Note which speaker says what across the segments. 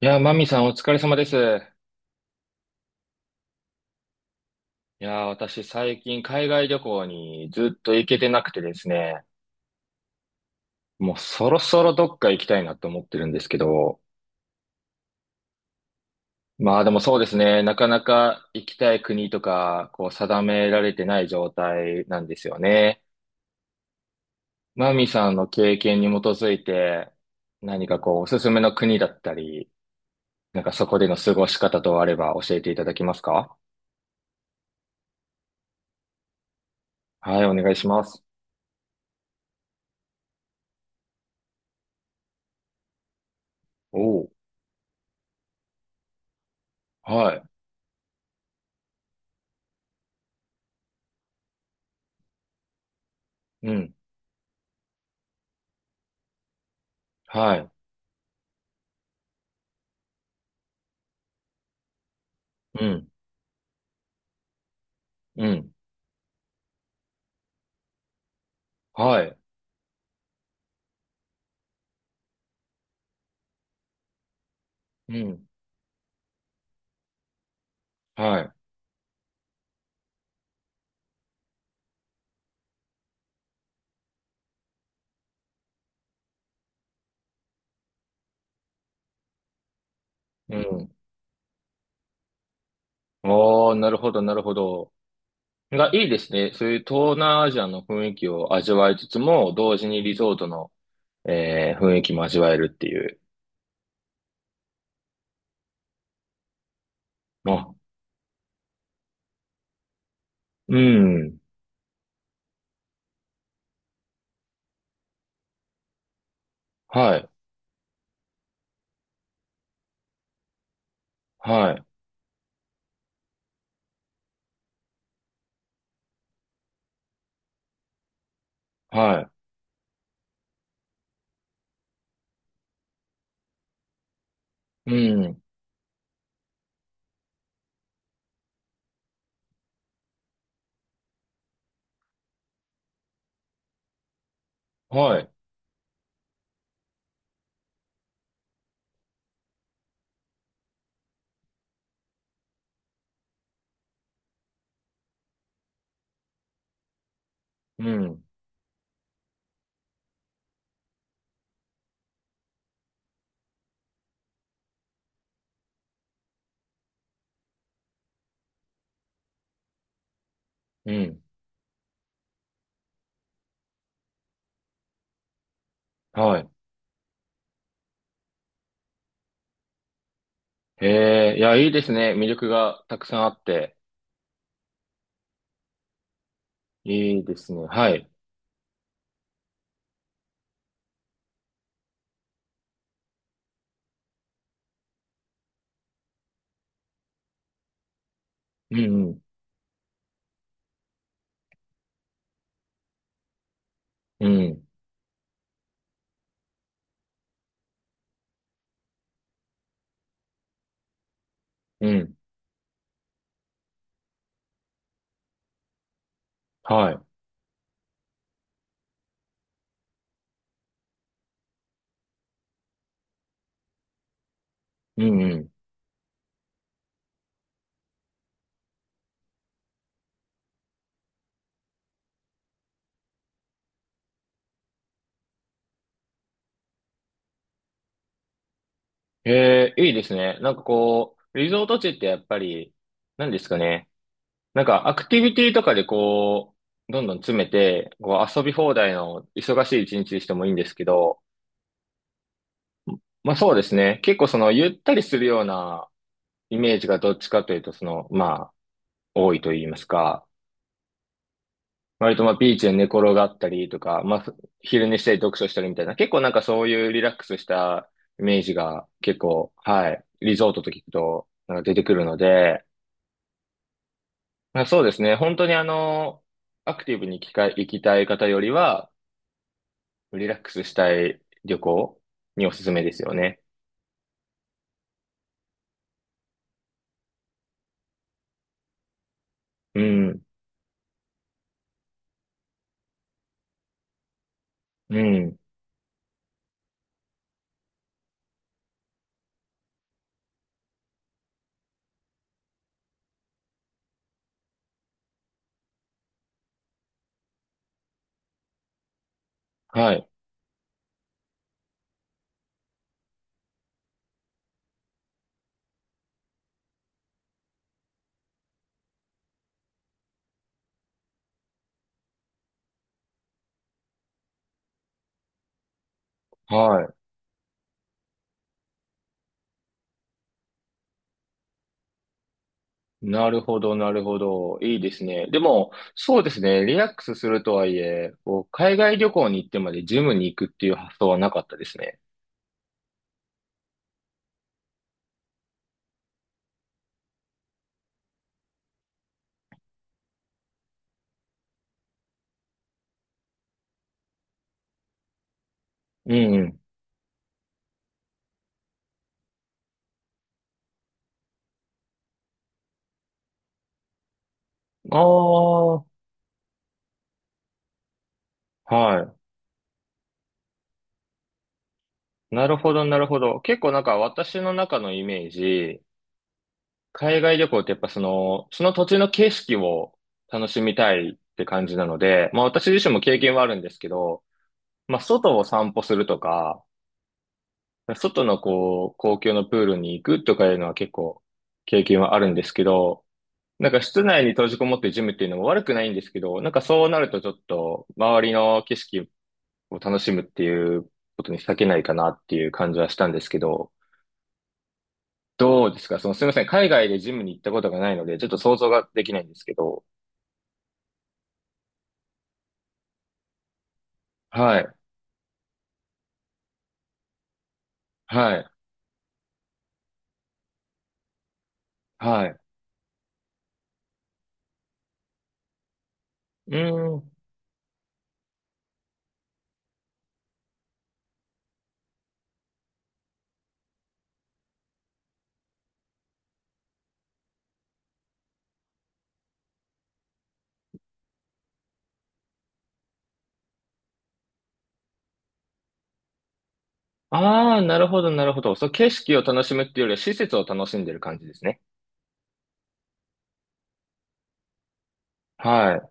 Speaker 1: マミさん、お疲れ様です。私、最近海外旅行にずっと行けてなくてですね、もうそろそろどっか行きたいなと思ってるんですけど、まあでもそうですね、なかなか行きたい国とか、こう定められてない状態なんですよね。マミさんの経験に基づいて、こうおすすめの国だったり、そこでの過ごし方とあれば教えていただけますか？はい、お願いします。おー、はい、うん、はい、うん、うん。はい。うん。はい。うん。おー、なるほど、なるほど。が、いいですね。そういう東南アジアの雰囲気を味わいつつも、同時にリゾートの、雰囲気も味わえるっていう。あ、うん。はい。はい。はい。うん。はい。うん。うん。はい。えー、いや、いいですね。魅力がたくさんあって。いいですね。はい。うん。うん。うん。うん、はい。うん。ええ、いいですね。なんかこう、リゾート地ってやっぱり、何ですかね。なんかアクティビティとかでこう、どんどん詰めて、こう遊び放題の忙しい一日にしてもいいんですけど、まあそうですね。結構そのゆったりするようなイメージがどっちかというと、その、まあ、多いと言いますか。割とまあビーチで寝転がったりとか、まあ昼寝したり読書したりみたいな、結構なんかそういうリラックスしたイメージが結構、はい、リゾートと聞くと、なんか出てくるので、まあ、そうですね。本当にあの、アクティブに行きたい方よりは、リラックスしたい旅行におすすめですよね。うん。うん。はい。はい。なるほど、なるほど。いいですね。でも、そうですね。リラックスするとはいえ、こう海外旅行に行ってまでジムに行くっていう発想はなかったですね。うんうん。ああ、はい。なるほど、なるほど。結構なんか私の中のイメージ、海外旅行ってやっぱその、その土地の景色を楽しみたいって感じなので、まあ私自身も経験はあるんですけど、まあ外を散歩するとか、外のこう、公共のプールに行くとかいうのは結構経験はあるんですけど、なんか室内に閉じこもってジムっていうのも悪くないんですけど、なんかそうなるとちょっと周りの景色を楽しむっていうことに避けないかなっていう感じはしたんですけど、どうですか、その、すみません。海外でジムに行ったことがないので、ちょっと想像ができないんですけど。はい、はい、はい。うーん。ああ、なるほど、なるほど。そう、景色を楽しむっていうよりは施設を楽しんでる感じですね。はい。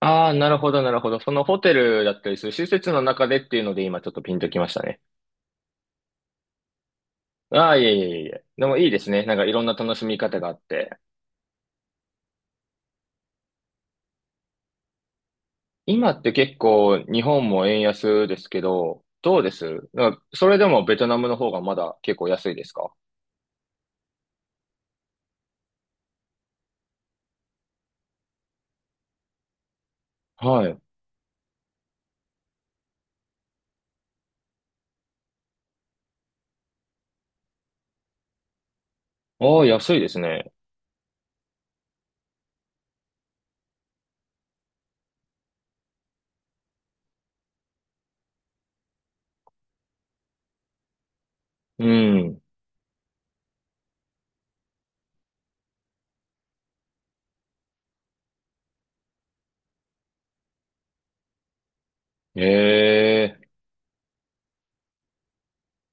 Speaker 1: ああ、なるほど、なるほど。そのホテルだったりする施設の中でっていうので今ちょっとピンときましたね。ああ、いえいえいえ。でもいいですね。なんかいろんな楽しみ方があって。今って結構日本も円安ですけど、どうですなんかそれでもベトナムの方がまだ結構安いですか？はい。ああ、安いですね。うん。ええ、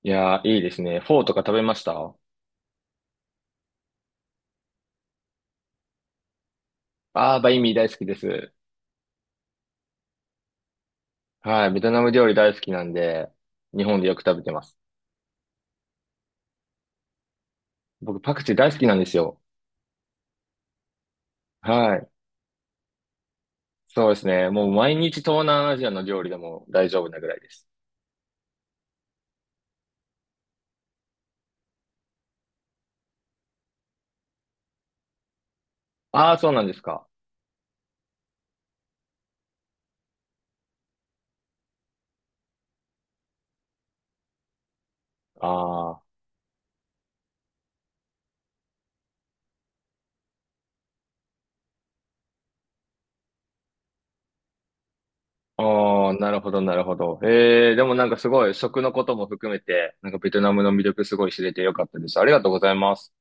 Speaker 1: いやー、いいですね。フォーとか食べました？あー、バインミー大好きです。はい、ベトナム料理大好きなんで、日本でよく食べてます。僕、パクチー大好きなんですよ。はい、そうですね。もう毎日東南アジアの料理でも大丈夫なぐらいです。あー、そうなんですか。ああ、あー、なるほど、なるほど。えー、でもなんかすごい食のことも含めて、なんかベトナムの魅力すごい知れてよかったです。ありがとうございます。